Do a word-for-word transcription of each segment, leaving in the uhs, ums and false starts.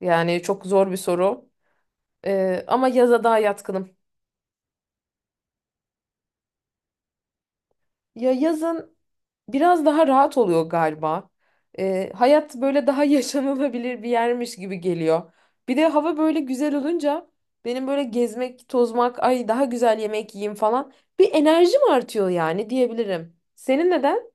Yani çok zor bir soru. Ee, ama yaza daha yatkınım. Ya yazın biraz daha rahat oluyor galiba. Ee, hayat böyle daha yaşanılabilir bir yermiş gibi geliyor. Bir de hava böyle güzel olunca benim böyle gezmek, tozmak, ay daha güzel yemek yiyeyim falan bir enerjim artıyor yani diyebilirim. Senin neden?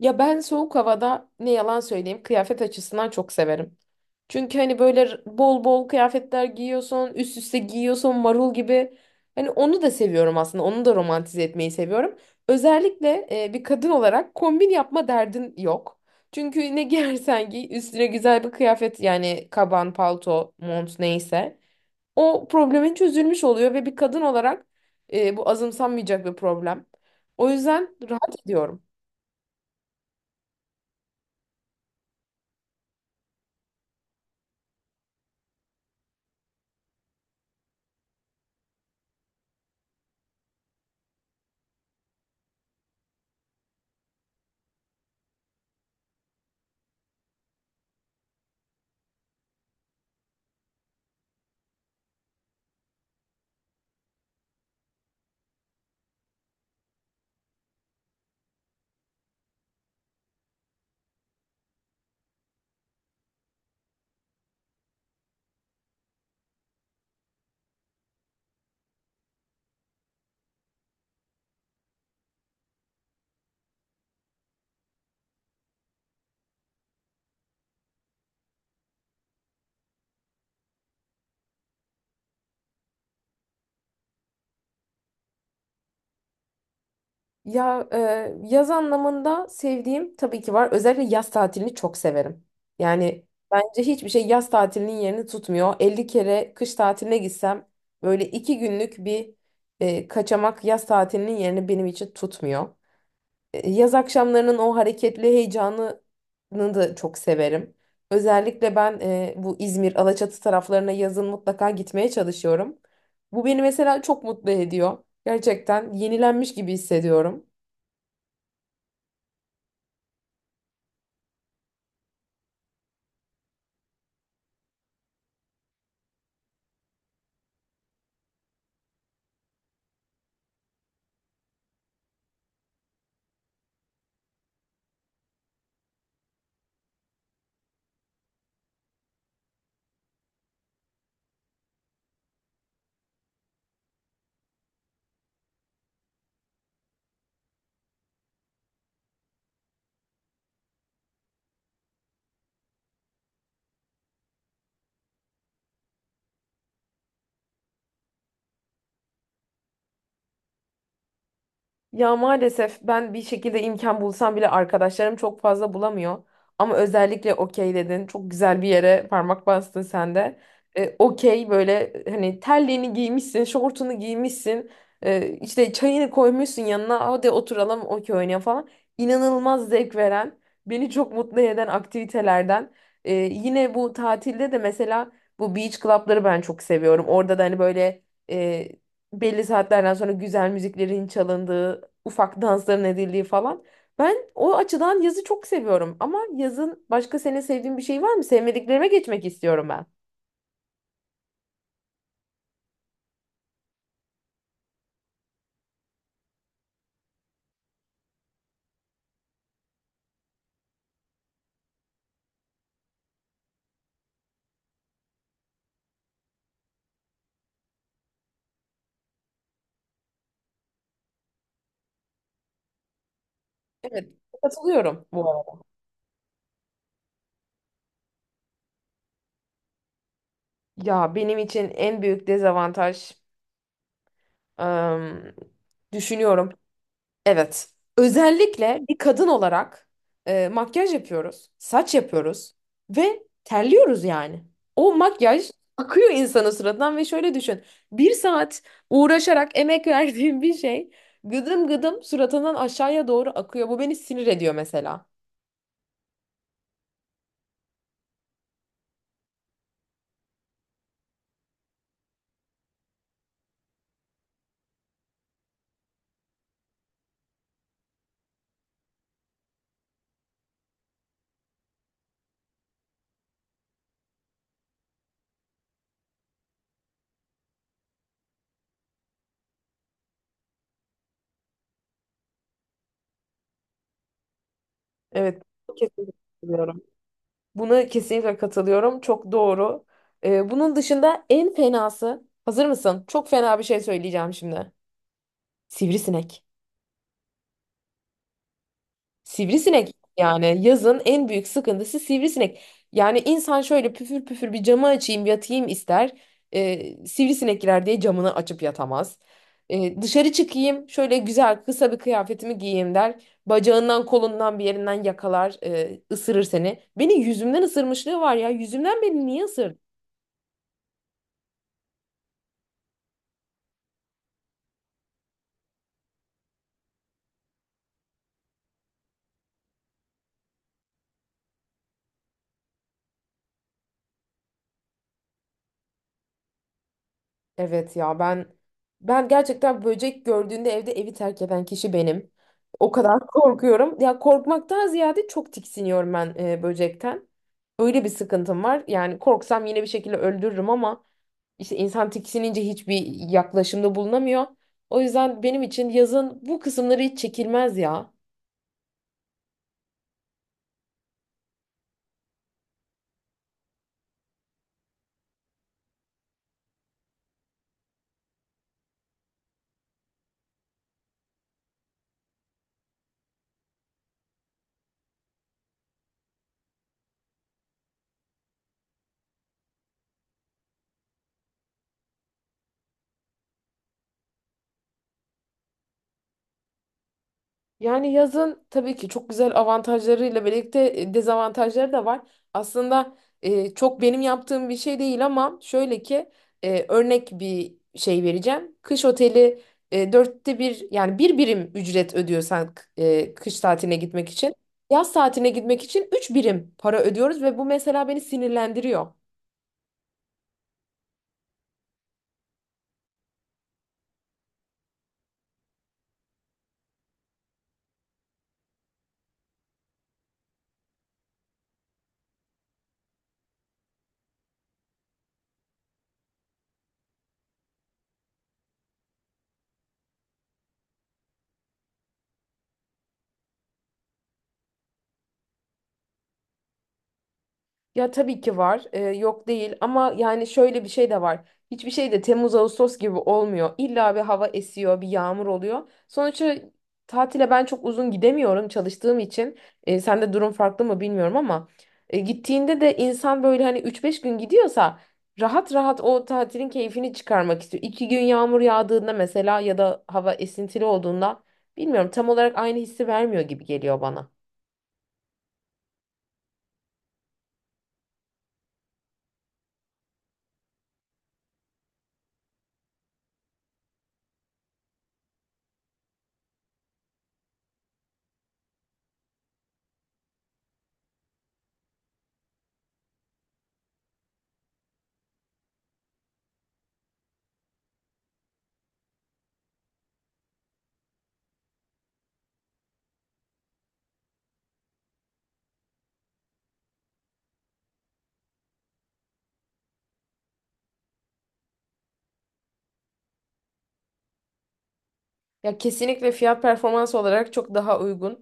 Ya ben soğuk havada ne yalan söyleyeyim kıyafet açısından çok severim. Çünkü hani böyle r- bol bol kıyafetler giyiyorsun, üst üste giyiyorsun marul gibi. Hani onu da seviyorum aslında. Onu da romantize etmeyi seviyorum. Özellikle e, bir kadın olarak kombin yapma derdin yok. Çünkü ne giyersen giy üstüne güzel bir kıyafet yani kaban, palto, mont neyse. O problemin çözülmüş oluyor ve bir kadın olarak e, bu azımsanmayacak bir problem. O yüzden rahat ediyorum. Ya e, yaz anlamında sevdiğim tabii ki var. Özellikle yaz tatilini çok severim. Yani bence hiçbir şey yaz tatilinin yerini tutmuyor. elli kere kış tatiline gitsem böyle iki günlük bir e, kaçamak yaz tatilinin yerini benim için tutmuyor. E, yaz akşamlarının o hareketli heyecanını da çok severim. Özellikle ben e, bu İzmir, Alaçatı taraflarına yazın mutlaka gitmeye çalışıyorum. Bu beni mesela çok mutlu ediyor. Gerçekten yenilenmiş gibi hissediyorum. Ya maalesef ben bir şekilde imkan bulsam bile arkadaşlarım çok fazla bulamıyor. Ama özellikle okey dedin. Çok güzel bir yere parmak bastın sen de. E, okey böyle hani terliğini giymişsin, şortunu giymişsin. E, işte çayını koymuşsun yanına. Hadi oturalım okey oynayalım falan. İnanılmaz zevk veren, beni çok mutlu eden aktivitelerden. E, yine bu tatilde de mesela bu beach club'ları ben çok seviyorum. Orada da hani böyle... e, belli saatlerden sonra güzel müziklerin çalındığı ufak dansların edildiği falan. Ben o açıdan yazı çok seviyorum ama yazın başka senin sevdiğin bir şey var mı? Sevmediklerime geçmek istiyorum ben. Evet, katılıyorum bu arada. Ya benim için en büyük dezavantaj ım, düşünüyorum. Evet. Özellikle bir kadın olarak e, makyaj yapıyoruz, saç yapıyoruz ve terliyoruz yani. O makyaj akıyor insanın suratından ve şöyle düşün. Bir saat uğraşarak emek verdiğim bir şey gıdım gıdım suratından aşağıya doğru akıyor. Bu beni sinir ediyor mesela. Evet, kesinlikle katılıyorum. Buna kesinlikle katılıyorum. Çok doğru. Ee, bunun dışında en fenası, hazır mısın? Çok fena bir şey söyleyeceğim şimdi. Sivrisinek. Sivrisinek yani yazın en büyük sıkıntısı sivrisinek. Yani insan şöyle püfür püfür bir camı açayım yatayım ister. Ee, sivrisinek girer diye camını açıp yatamaz. Ee, dışarı çıkayım şöyle güzel kısa bir kıyafetimi giyeyim der. Bacağından kolundan bir yerinden yakalar e, ısırır seni. Beni yüzümden ısırmışlığı var ya yüzümden beni niye ısırdı? Evet ya ben ben gerçekten böcek gördüğünde evde evi terk eden kişi benim. O kadar korkuyorum. Ya korkmaktan ziyade çok tiksiniyorum ben e, böcekten. Öyle bir sıkıntım var. Yani korksam yine bir şekilde öldürürüm ama işte insan tiksinince hiçbir yaklaşımda bulunamıyor. O yüzden benim için yazın bu kısımları hiç çekilmez ya. Yani yazın tabii ki çok güzel avantajlarıyla birlikte e, dezavantajları da var. Aslında e, çok benim yaptığım bir şey değil ama şöyle ki e, örnek bir şey vereceğim. Kış oteli e, dörtte bir yani bir birim ücret ödüyorsan e, kış tatiline gitmek için. Yaz tatiline gitmek için üç birim para ödüyoruz ve bu mesela beni sinirlendiriyor. Ya tabii ki var. Ee, yok değil ama yani şöyle bir şey de var. Hiçbir şey de Temmuz Ağustos gibi olmuyor. İlla bir hava esiyor, bir yağmur oluyor. Sonuçta tatile ben çok uzun gidemiyorum çalıştığım için. Ee, sende durum farklı mı bilmiyorum ama e, gittiğinde de insan böyle hani üç beş gün gidiyorsa rahat rahat o tatilin keyfini çıkarmak istiyor. İki gün yağmur yağdığında mesela ya da hava esintili olduğunda bilmiyorum, tam olarak aynı hissi vermiyor gibi geliyor bana. Ya kesinlikle fiyat performans olarak çok daha uygun.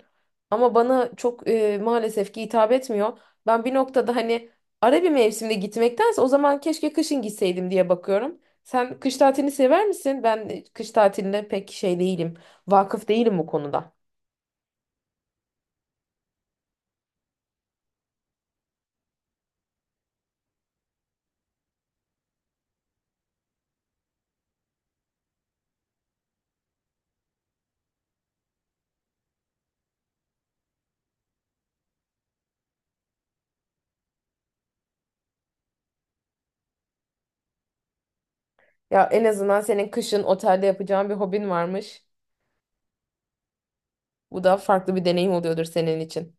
Ama bana çok e, maalesef ki hitap etmiyor. Ben bir noktada hani ara bir mevsimde gitmektense o zaman keşke kışın gitseydim diye bakıyorum. Sen kış tatilini sever misin? Ben e, kış tatiline pek şey değilim. Vakıf değilim bu konuda. Ya en azından senin kışın otelde yapacağın bir hobin varmış. Bu da farklı bir deneyim oluyordur senin için.